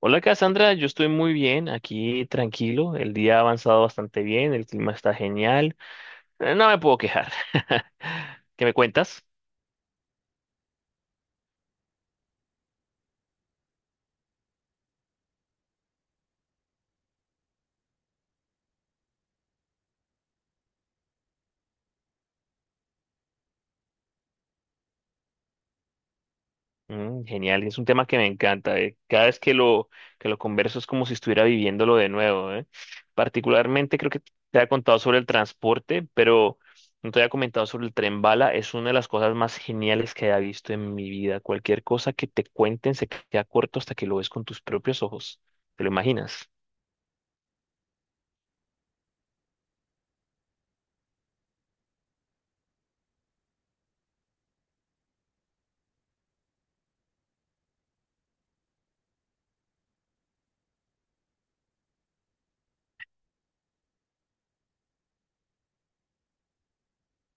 Hola Cassandra, yo estoy muy bien, aquí tranquilo, el día ha avanzado bastante bien, el clima está genial, no me puedo quejar. ¿Qué me cuentas? Genial, y es un tema que me encanta, cada vez que lo, converso es como si estuviera viviéndolo de nuevo. Particularmente creo que te ha contado sobre el transporte, pero no te había comentado sobre el tren bala, es una de las cosas más geniales que haya visto en mi vida. Cualquier cosa que te cuenten se queda corto hasta que lo ves con tus propios ojos, ¿te lo imaginas?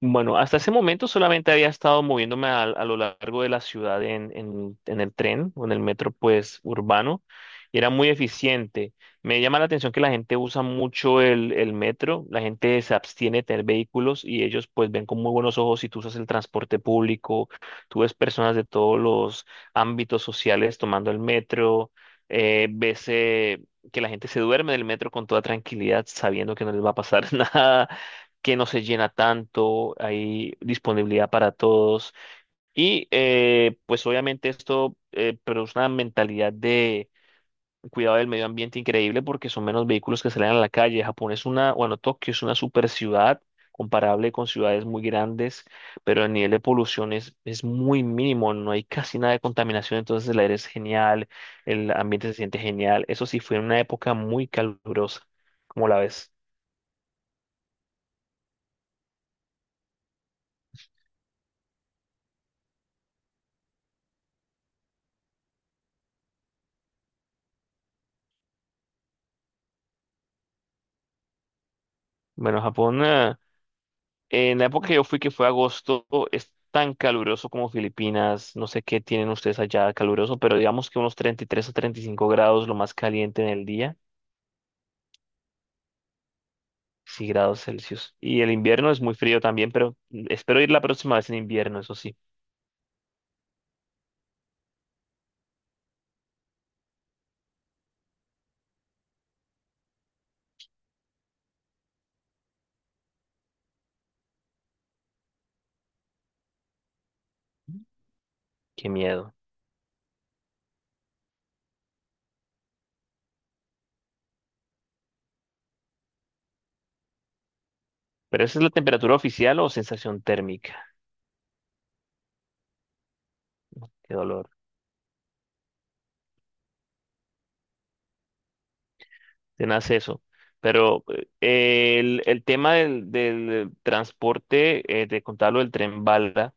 Bueno, hasta ese momento solamente había estado moviéndome a lo largo de la ciudad en el tren o en el metro, pues, urbano, y era muy eficiente. Me llama la atención que la gente usa mucho el metro, la gente se abstiene de tener vehículos y ellos, pues, ven con muy buenos ojos si tú usas el transporte público, tú ves personas de todos los ámbitos sociales tomando el metro, eh, ves... eh, que la gente se duerme del metro con toda tranquilidad, sabiendo que no les va a pasar nada que no se llena tanto, hay disponibilidad para todos. Y pues obviamente esto produce una mentalidad de cuidado del medio ambiente increíble porque son menos vehículos que salen a la calle. Japón es una, bueno, Tokio es una super ciudad comparable con ciudades muy grandes, pero el nivel de polución es muy mínimo, no hay casi nada de contaminación, entonces el aire es genial, el ambiente se siente genial. Eso sí, fue una época muy calurosa, como la ves. Bueno, Japón, en la época que yo fui, que fue agosto, es tan caluroso como Filipinas. No sé qué tienen ustedes allá caluroso, pero digamos que unos 33 o 35 grados, lo más caliente en el día, sí grados Celsius. Y el invierno es muy frío también, pero espero ir la próxima vez en invierno, eso sí. Qué miedo. Pero esa es la temperatura oficial o sensación térmica. Qué dolor. Te nace eso. Pero el, tema del transporte, te contaba del tren bala.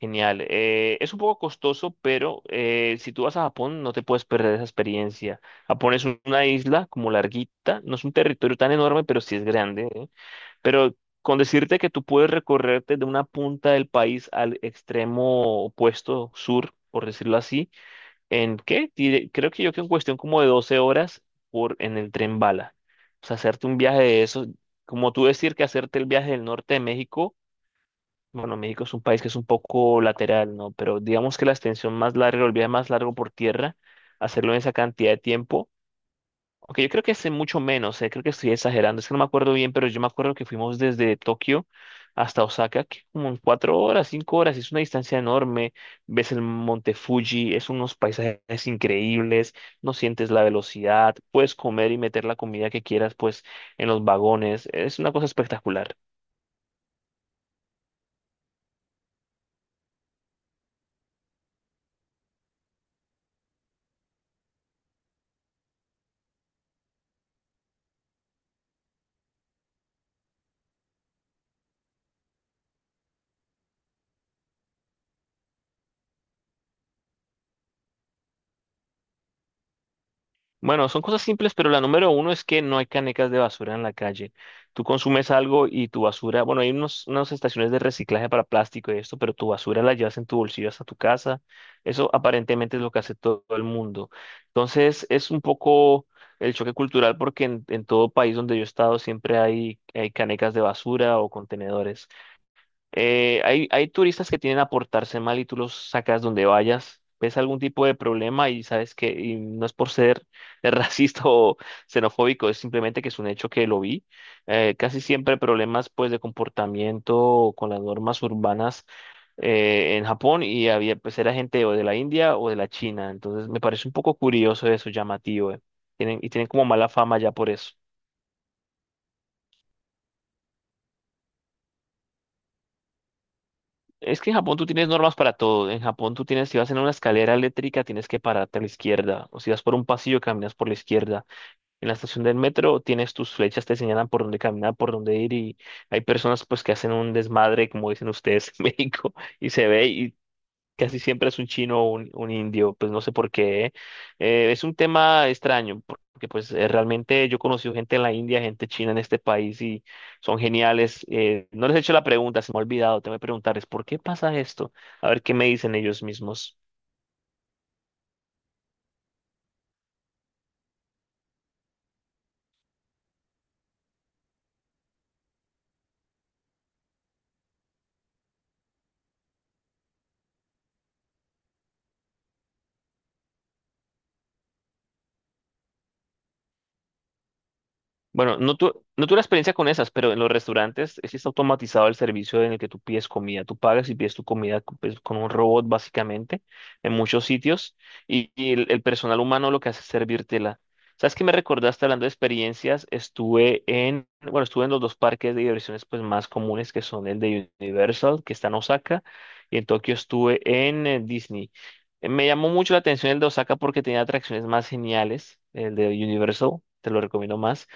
Genial. Es un poco costoso, pero si tú vas a Japón no te puedes perder esa experiencia. Japón es una isla como larguita, no es un territorio tan enorme, pero sí es grande, ¿eh? Pero con decirte que tú puedes recorrerte de una punta del país al extremo opuesto, sur, por decirlo así, ¿en qué? Creo que yo que en cuestión como de 12 horas en el tren bala. O sea, hacerte un viaje de eso, como tú decir que hacerte el viaje del norte de México. Bueno, México es un país que es un poco lateral, ¿no? Pero digamos que la extensión más larga, el viaje más largo por tierra, hacerlo en esa cantidad de tiempo. Aunque yo creo que es en mucho menos, creo que estoy exagerando, es que no me acuerdo bien, pero yo me acuerdo que fuimos desde Tokio hasta Osaka, que como en 4 horas, 5 horas, es una distancia enorme. Ves el Monte Fuji, es unos paisajes increíbles, no sientes la velocidad, puedes comer y meter la comida que quieras, pues, en los vagones, es una cosa espectacular. Bueno, son cosas simples, pero la número uno es que no hay canecas de basura en la calle. Tú consumes algo y tu basura, bueno, hay unas estaciones de reciclaje para plástico y esto, pero tu basura la llevas en tu bolsillo hasta tu casa. Eso aparentemente es lo que hace todo el mundo. Entonces, es un poco el choque cultural porque en todo país donde yo he estado siempre hay canecas de basura o contenedores. Hay turistas que tienen a portarse mal y tú los sacas donde vayas, ves algún tipo de problema y sabes que y no es por ser racista o xenofóbico, es simplemente que es un hecho que lo vi. Casi siempre problemas pues de comportamiento con las normas urbanas en Japón y había pues era gente o de la India o de la China, entonces me parece un poco curioso eso, llamativo. Tienen, y tienen como mala fama ya por eso. Es que en Japón tú tienes normas para todo. En Japón tú tienes, si vas en una escalera eléctrica, tienes que pararte a la izquierda. O si vas por un pasillo, caminas por la izquierda. En la estación del metro tienes tus flechas, te señalan por dónde caminar, por dónde ir. Y hay personas pues que hacen un desmadre, como dicen ustedes en México, y se ve casi siempre es un chino o un indio, pues no sé por qué. Es un tema extraño, porque pues realmente yo he conocido gente en la India, gente china en este país y son geniales. No les he hecho la pregunta, se me ha olvidado, tengo que preguntarles, ¿por qué pasa esto? A ver qué me dicen ellos mismos. Bueno, no, no tuve la experiencia con esas, pero en los restaurantes sí está automatizado el servicio en el que tú pides comida. Tú pagas y pides tu comida pues, con un robot, básicamente, en muchos sitios. Y el personal humano lo que hace es servírtela. ¿Sabes qué me recordaste hablando de experiencias? Estuve en, bueno, estuve en los dos parques de diversiones pues, más comunes, que son el de Universal, que está en Osaka, y en Tokio estuve en Disney. Me llamó mucho la atención el de Osaka porque tenía atracciones más geniales, el de Universal, te lo recomiendo más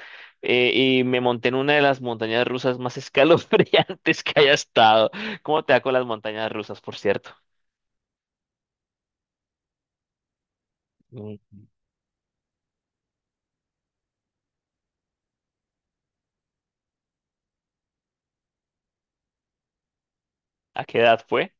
eh, y me monté en una de las montañas rusas más escalofriantes que haya estado. ¿Cómo te va con las montañas rusas, por cierto? Mm, ¿A qué edad fue?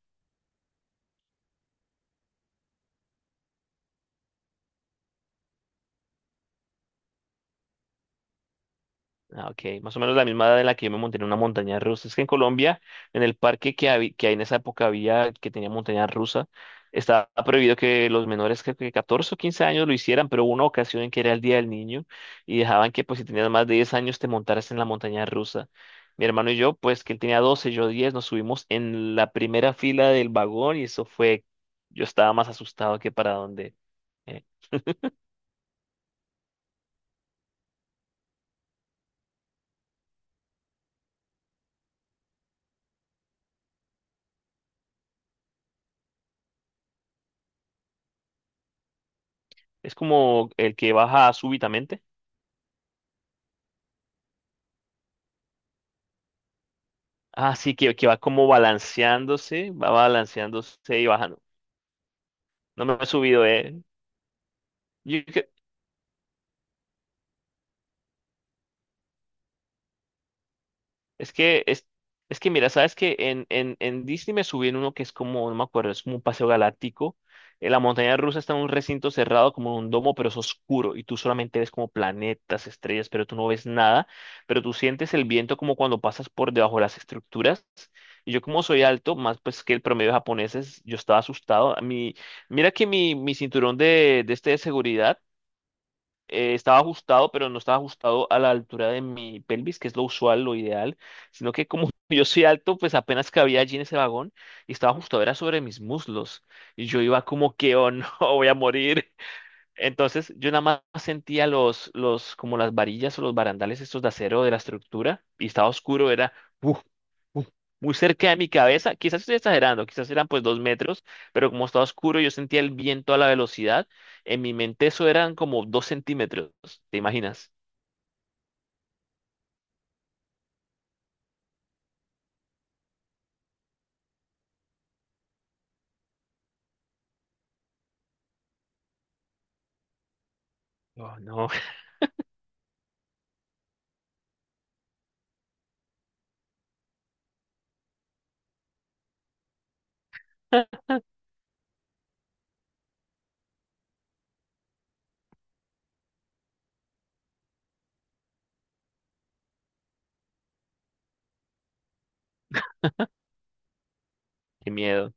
Ah, ok, más o menos la misma edad en la que yo me monté en una montaña rusa. Es que en Colombia, en el parque que hay en esa época había, que tenía montaña rusa, estaba prohibido que los menores, creo que 14 o 15 años lo hicieran, pero hubo una ocasión en que era el Día del Niño y dejaban que pues si tenías más de 10 años te montaras en la montaña rusa. Mi hermano y yo, pues que él tenía 12, yo 10, nos subimos en la primera fila del vagón y eso fue, yo estaba más asustado que para donde. eh, es como el que baja súbitamente. Ah, sí, que va como balanceándose, va balanceándose y bajando. No me he subido. Es que, es, es que mira, sabes que en Disney me subí en uno que es como, no me acuerdo, es como un paseo galáctico. En la montaña rusa está en un recinto cerrado, como en un domo, pero es oscuro y tú solamente ves como planetas, estrellas, pero tú no ves nada. Pero tú sientes el viento como cuando pasas por debajo de las estructuras. Y yo, como soy alto, más pues que el promedio de japoneses, yo estaba asustado. A mí, mira que mi cinturón de este de seguridad estaba ajustado, pero no estaba ajustado a la altura de mi pelvis, que es lo usual, lo ideal, sino que como yo soy alto, pues apenas cabía allí en ese vagón y estaba ajustado, era sobre mis muslos. Y yo iba como que, oh no, voy a morir. Entonces yo nada más sentía los, como las varillas o los barandales estos de acero de la estructura y estaba oscuro, era uf, uf, muy cerca de mi cabeza. Quizás estoy exagerando, quizás eran pues 2 metros, pero como estaba oscuro yo sentía el viento a la velocidad. En mi mente eso eran como 2 centímetros, ¿te imaginas? Oh, no, qué miedo.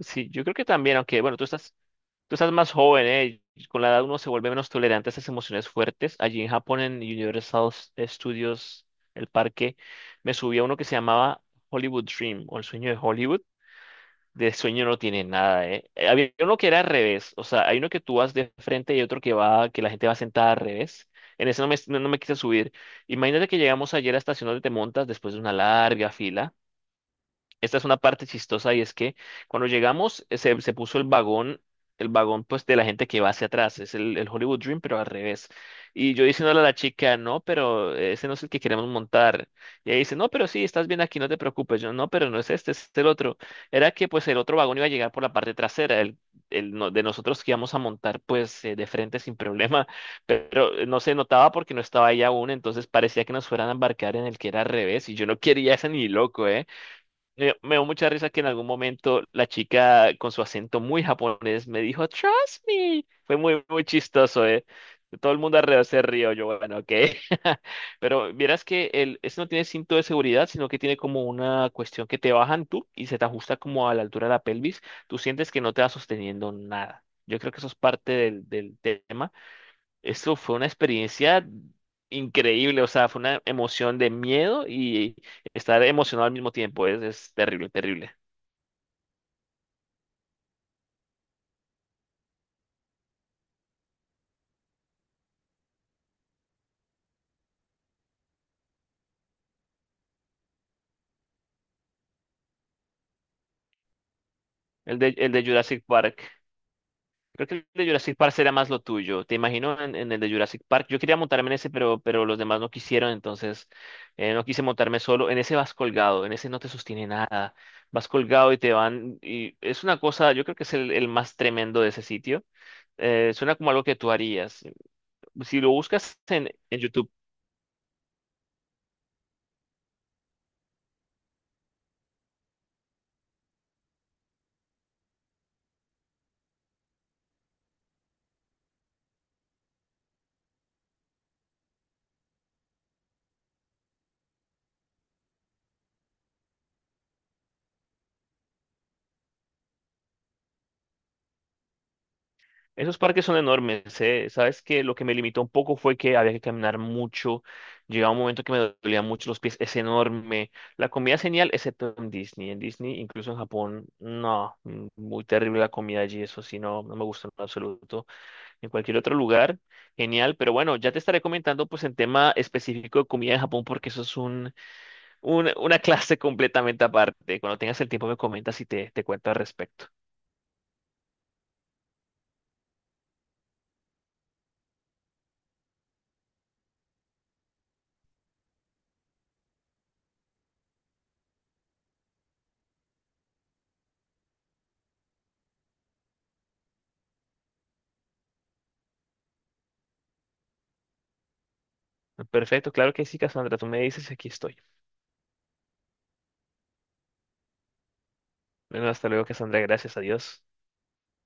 Sí, yo creo que también, aunque bueno, tú estás más joven, ¿eh? Con la edad uno se vuelve menos tolerante a esas emociones fuertes. Allí en Japón, en Universal Studios, el parque, me subí a uno que se llamaba Hollywood Dream o el sueño de Hollywood. De sueño no tiene nada, ¿eh? Había uno que era al revés, o sea, hay uno que tú vas de frente y otro que que la gente va sentada al revés. En ese no me quise subir. Imagínate que llegamos ayer a la estación donde te montas después de una larga fila. Esta es una parte chistosa y es que cuando llegamos se puso el vagón pues de la gente que va hacia atrás, es el Hollywood Dream pero al revés. Y yo diciéndole a la chica, no, pero ese no es el que queremos montar. Y ella dice, no, pero sí, estás bien aquí, no te preocupes. Yo, no, pero no es este, es el otro. Era que pues el otro vagón iba a llegar por la parte trasera, el de nosotros que íbamos a montar pues de frente sin problema, pero no se notaba porque no estaba ella aún, entonces parecía que nos fueran a embarcar en el que era al revés y yo no quería ese ni loco, ¿eh? Me dio mucha risa que en algún momento la chica con su acento muy japonés me dijo, Trust me. Fue muy, muy chistoso, ¿eh? Todo el mundo alrededor se rió, yo, bueno, ok. Pero vieras que ese no tiene cinto de seguridad, sino que tiene como una cuestión que te bajan tú y se te ajusta como a la altura de la pelvis. Tú sientes que no te va sosteniendo nada. Yo creo que eso es parte del tema eso fue una experiencia increíble, o sea, fue una emoción de miedo y estar emocionado al mismo tiempo. Es terrible, terrible. El de Jurassic Park. Creo que el de Jurassic Park será más lo tuyo. Te imagino en, el de Jurassic Park. Yo quería montarme en ese, pero los demás no quisieron, entonces no quise montarme solo. En ese vas colgado, en ese no te sostiene nada. Vas colgado y te van. Y es una cosa, yo creo que es el más tremendo de ese sitio. Suena como algo que tú harías. Si lo buscas en YouTube, esos parques son enormes, ¿eh? Sabes que lo que me limitó un poco fue que había que caminar mucho. Llegaba un momento que me dolían mucho los pies. Es enorme. La comida es genial, excepto en Disney. En Disney, incluso en Japón, no. Muy terrible la comida allí. Eso sí, no, no me gusta en absoluto. En cualquier otro lugar, genial. Pero bueno, ya te estaré comentando pues en tema específico de comida en Japón, porque eso es un, una clase completamente aparte. Cuando tengas el tiempo me comentas y te cuento al respecto. Perfecto, claro que sí, Cassandra. Tú me dices y aquí estoy. Bueno, hasta luego, Cassandra. Gracias a Dios.